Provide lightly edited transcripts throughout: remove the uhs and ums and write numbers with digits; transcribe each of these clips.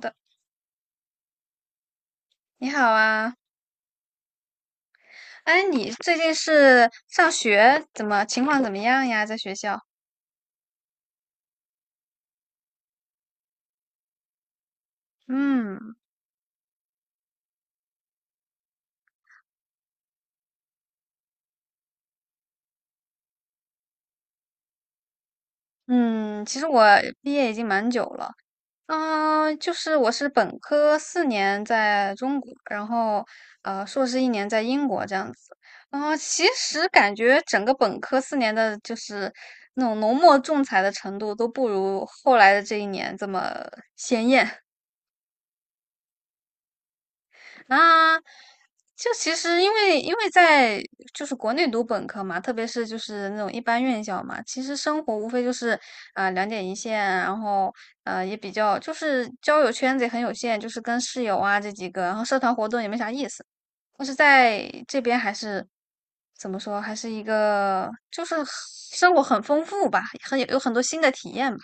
的。你好啊，哎，你最近是上学怎么情况怎么样呀？在学校？嗯嗯。其实我毕业已经蛮久了，就是我是本科四年在中国，然后硕士一年在英国这样子。然后其实感觉整个本科四年的就是那种浓墨重彩的程度都不如后来的这一年这么鲜艳。啊，就其实因为在就是国内读本科嘛，特别是就是那种一般院校嘛，其实生活无非就是两点一线啊，然后也比较就是交友圈子也很有限，就是跟室友啊这几个，然后社团活动也没啥意思。但是在这边还是怎么说，还是一个就是生活很丰富吧，有很多新的体验吧。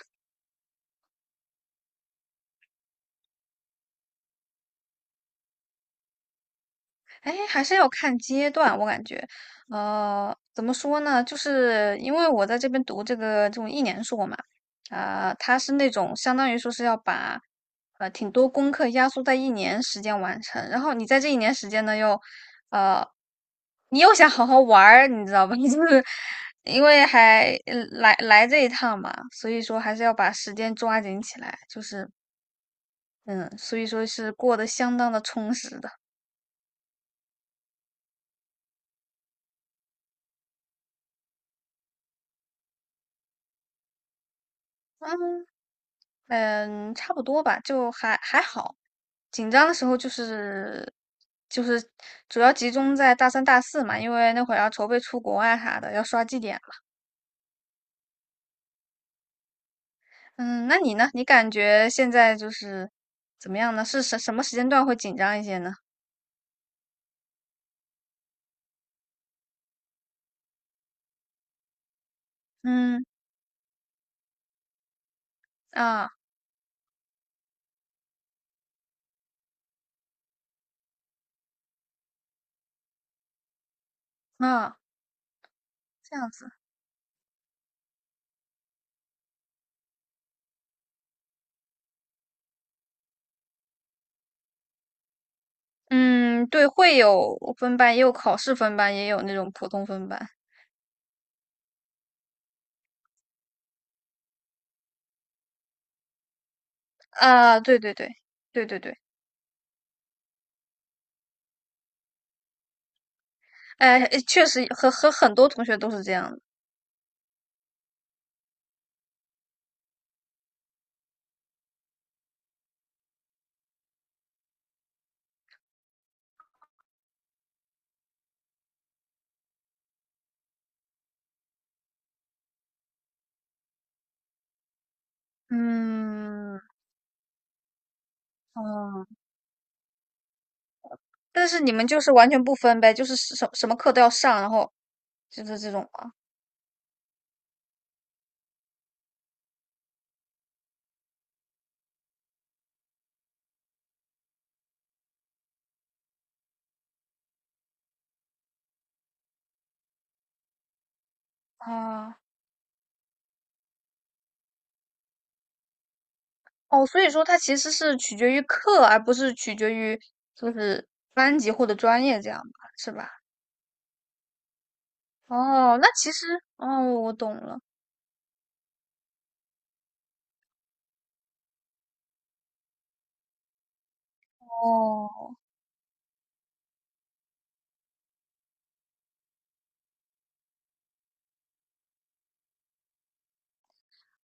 哎，还是要看阶段，我感觉，怎么说呢？就是因为我在这边读这个这种一年硕嘛，它是那种相当于说是要把挺多功课压缩在一年时间完成，然后你在这一年时间呢又呃，你又想好好玩儿，你知道吧？就是因为还来这一趟嘛，所以说还是要把时间抓紧起来，就是嗯，所以说是过得相当的充实的。嗯，差不多吧，就还好。紧张的时候就是主要集中在大三、大四嘛，因为那会儿要筹备出国啊啥的，要刷绩点嘛。嗯，那你呢？你感觉现在就是怎么样呢？是什么时间段会紧张一些呢？嗯啊啊，这样子。嗯，对，会有分班，也有考试分班，也有那种普通分班。啊，对对对对对对，哎，确实和很多同学都是这样的。嗯，哦，但是你们就是完全不分呗，就是什么课都要上，然后就是这种吗？啊，哦，所以说它其实是取决于课，而不是取决于就是班级或者专业这样吧，是吧？哦，那其实，哦，我懂了。哦，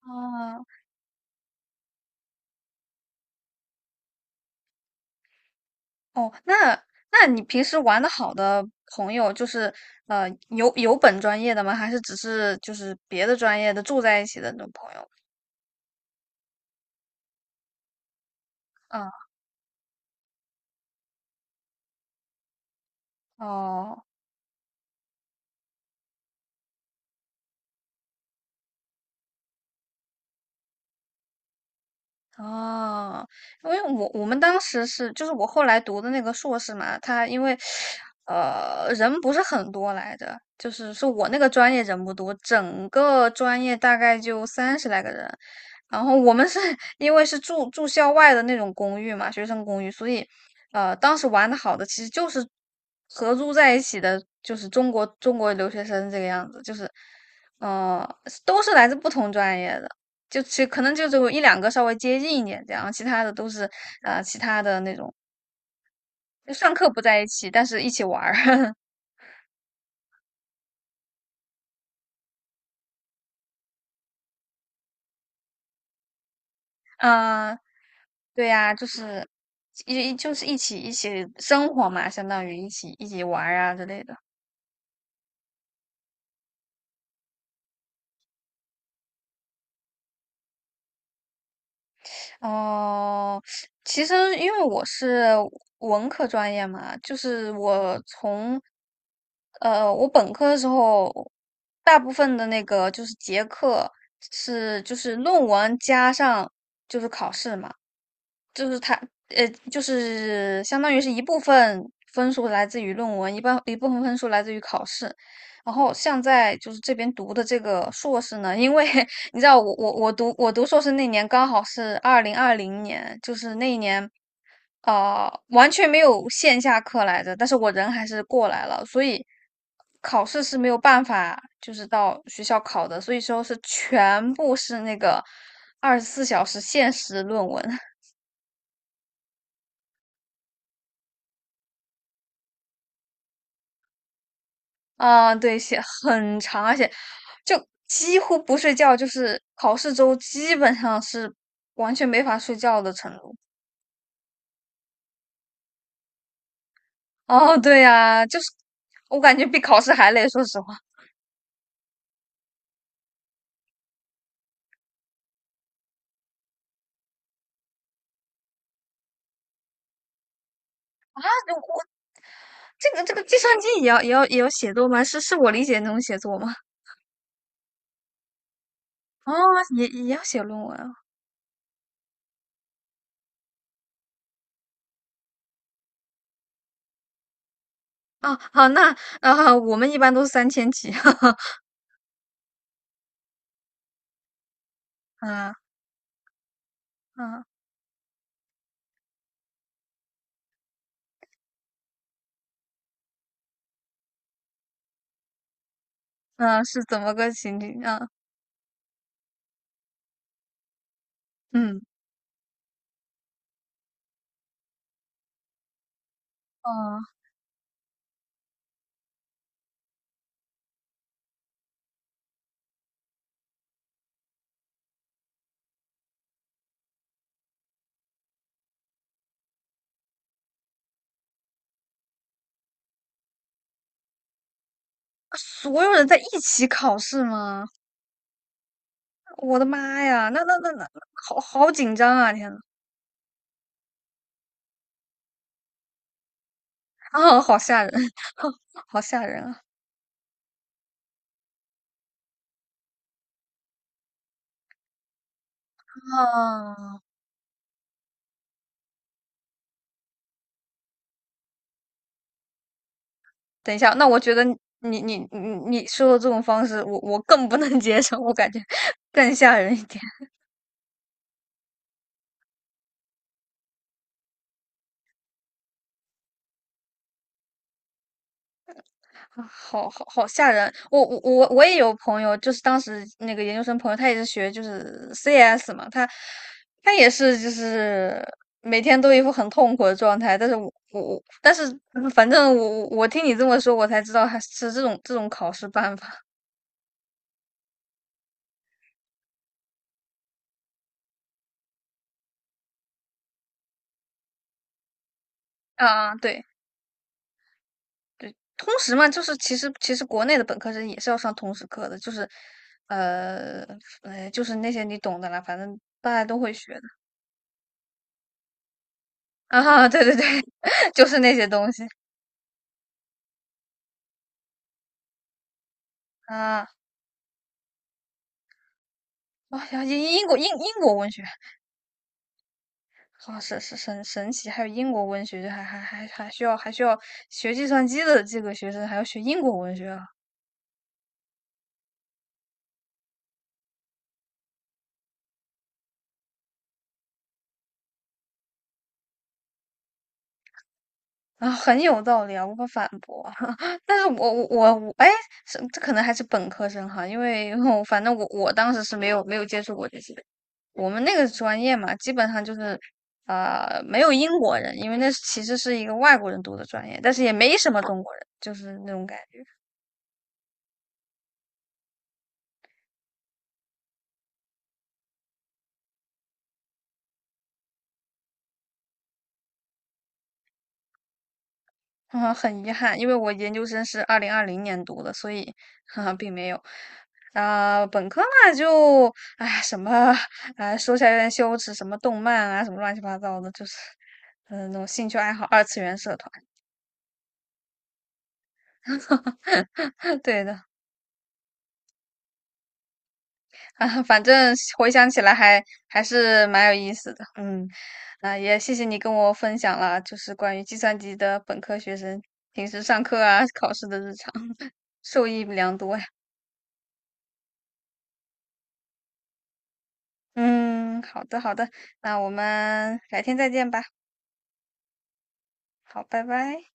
啊，哦，那那你平时玩的好的朋友，就是有本专业的吗？还是只是就是别的专业的住在一起的那种朋友？啊，哦。哦，因为我们当时是，就是我后来读的那个硕士嘛，他因为，人不是很多来着，就是是我那个专业人不多，整个专业大概就30来个人，然后我们是 因为是住校外的那种公寓嘛，学生公寓，所以，当时玩的好的其实就是合租在一起的，就是中国留学生这个样子，就是，呃，都是来自不同专业的。就其可能就只有一两个稍微接近一点这样，其他的都是呃其他的那种，就上课不在一起，但是一起玩儿，啊，对呀、就是就是一起生活嘛，相当于一起玩儿啊之类的。哦，其实因为我是文科专业嘛，就是我从我本科的时候，大部分的那个就是结课是就是论文加上就是考试嘛。呃，就是相当于是一部分分数来自于论文，一半一部分分数来自于考试。然后像在就是这边读的这个硕士呢，因为 你知道我读硕士那年刚好是二零二零年，就是那一年，完全没有线下课来着，但是我人还是过来了，所以考试是没有办法就是到学校考的，所以说是全部是那个24小时限时论文。啊，对，写很长，而且就几乎不睡觉，就是考试周基本上是完全没法睡觉的程度。哦，对呀，就是我感觉比考试还累，说实话。啊，我这个计算机也要写作吗？是是我理解的那种写作吗？哦，也要写论文啊。啊，好，那啊，我们一般都是3000起，啊啊啊，是怎么个情景啊？嗯，哦啊，所有人在一起考试吗？我的妈呀，那那那那，好紧张啊！天呐，啊，好吓人，好吓人啊！啊，等一下，那我觉得你你你你说的这种方式，我更不能接受，我感觉更吓人一点。啊，好吓人！我也有朋友，就是当时那个研究生朋友，他也是学就是 CS 嘛，他也是就是每天都一副很痛苦的状态。但是我，但是反正我听你这么说，我才知道还是这种考试办法 啊。对，通识嘛，就是其实国内的本科生也是要上通识课的，就是呃就是那些你懂的啦，反正大家都会学的 啊。对对对，就是那些东西啊。啊呀，英国文学，好哦神奇，还有英国文学，就还需要学计算机的这个学生还要学英国文学啊，啊，很有道理啊，无法反驳啊。但是我，哎，是这可能还是本科生哈，因为我 反正我当时是没有接触过这些，我们那个专业嘛，基本上就是。啊，没有英国人，因为那其实是一个外国人读的专业，但是也没什么中国人，就是那种感觉。啊，很遗憾，因为我研究生是二零二零年读的，所以，哈哈，并没有。本科嘛，就哎，什么，哎，说起来有点羞耻，什么动漫啊，什么乱七八糟的，就是，那种兴趣爱好二次元社团。对的，啊，反正回想起来还是蛮有意思的。嗯，啊，也谢谢你跟我分享了，就是关于计算机的本科学生平时上课啊、考试的日常，受益良多呀。嗯，好的好的，那我们改天再见吧。好，拜拜。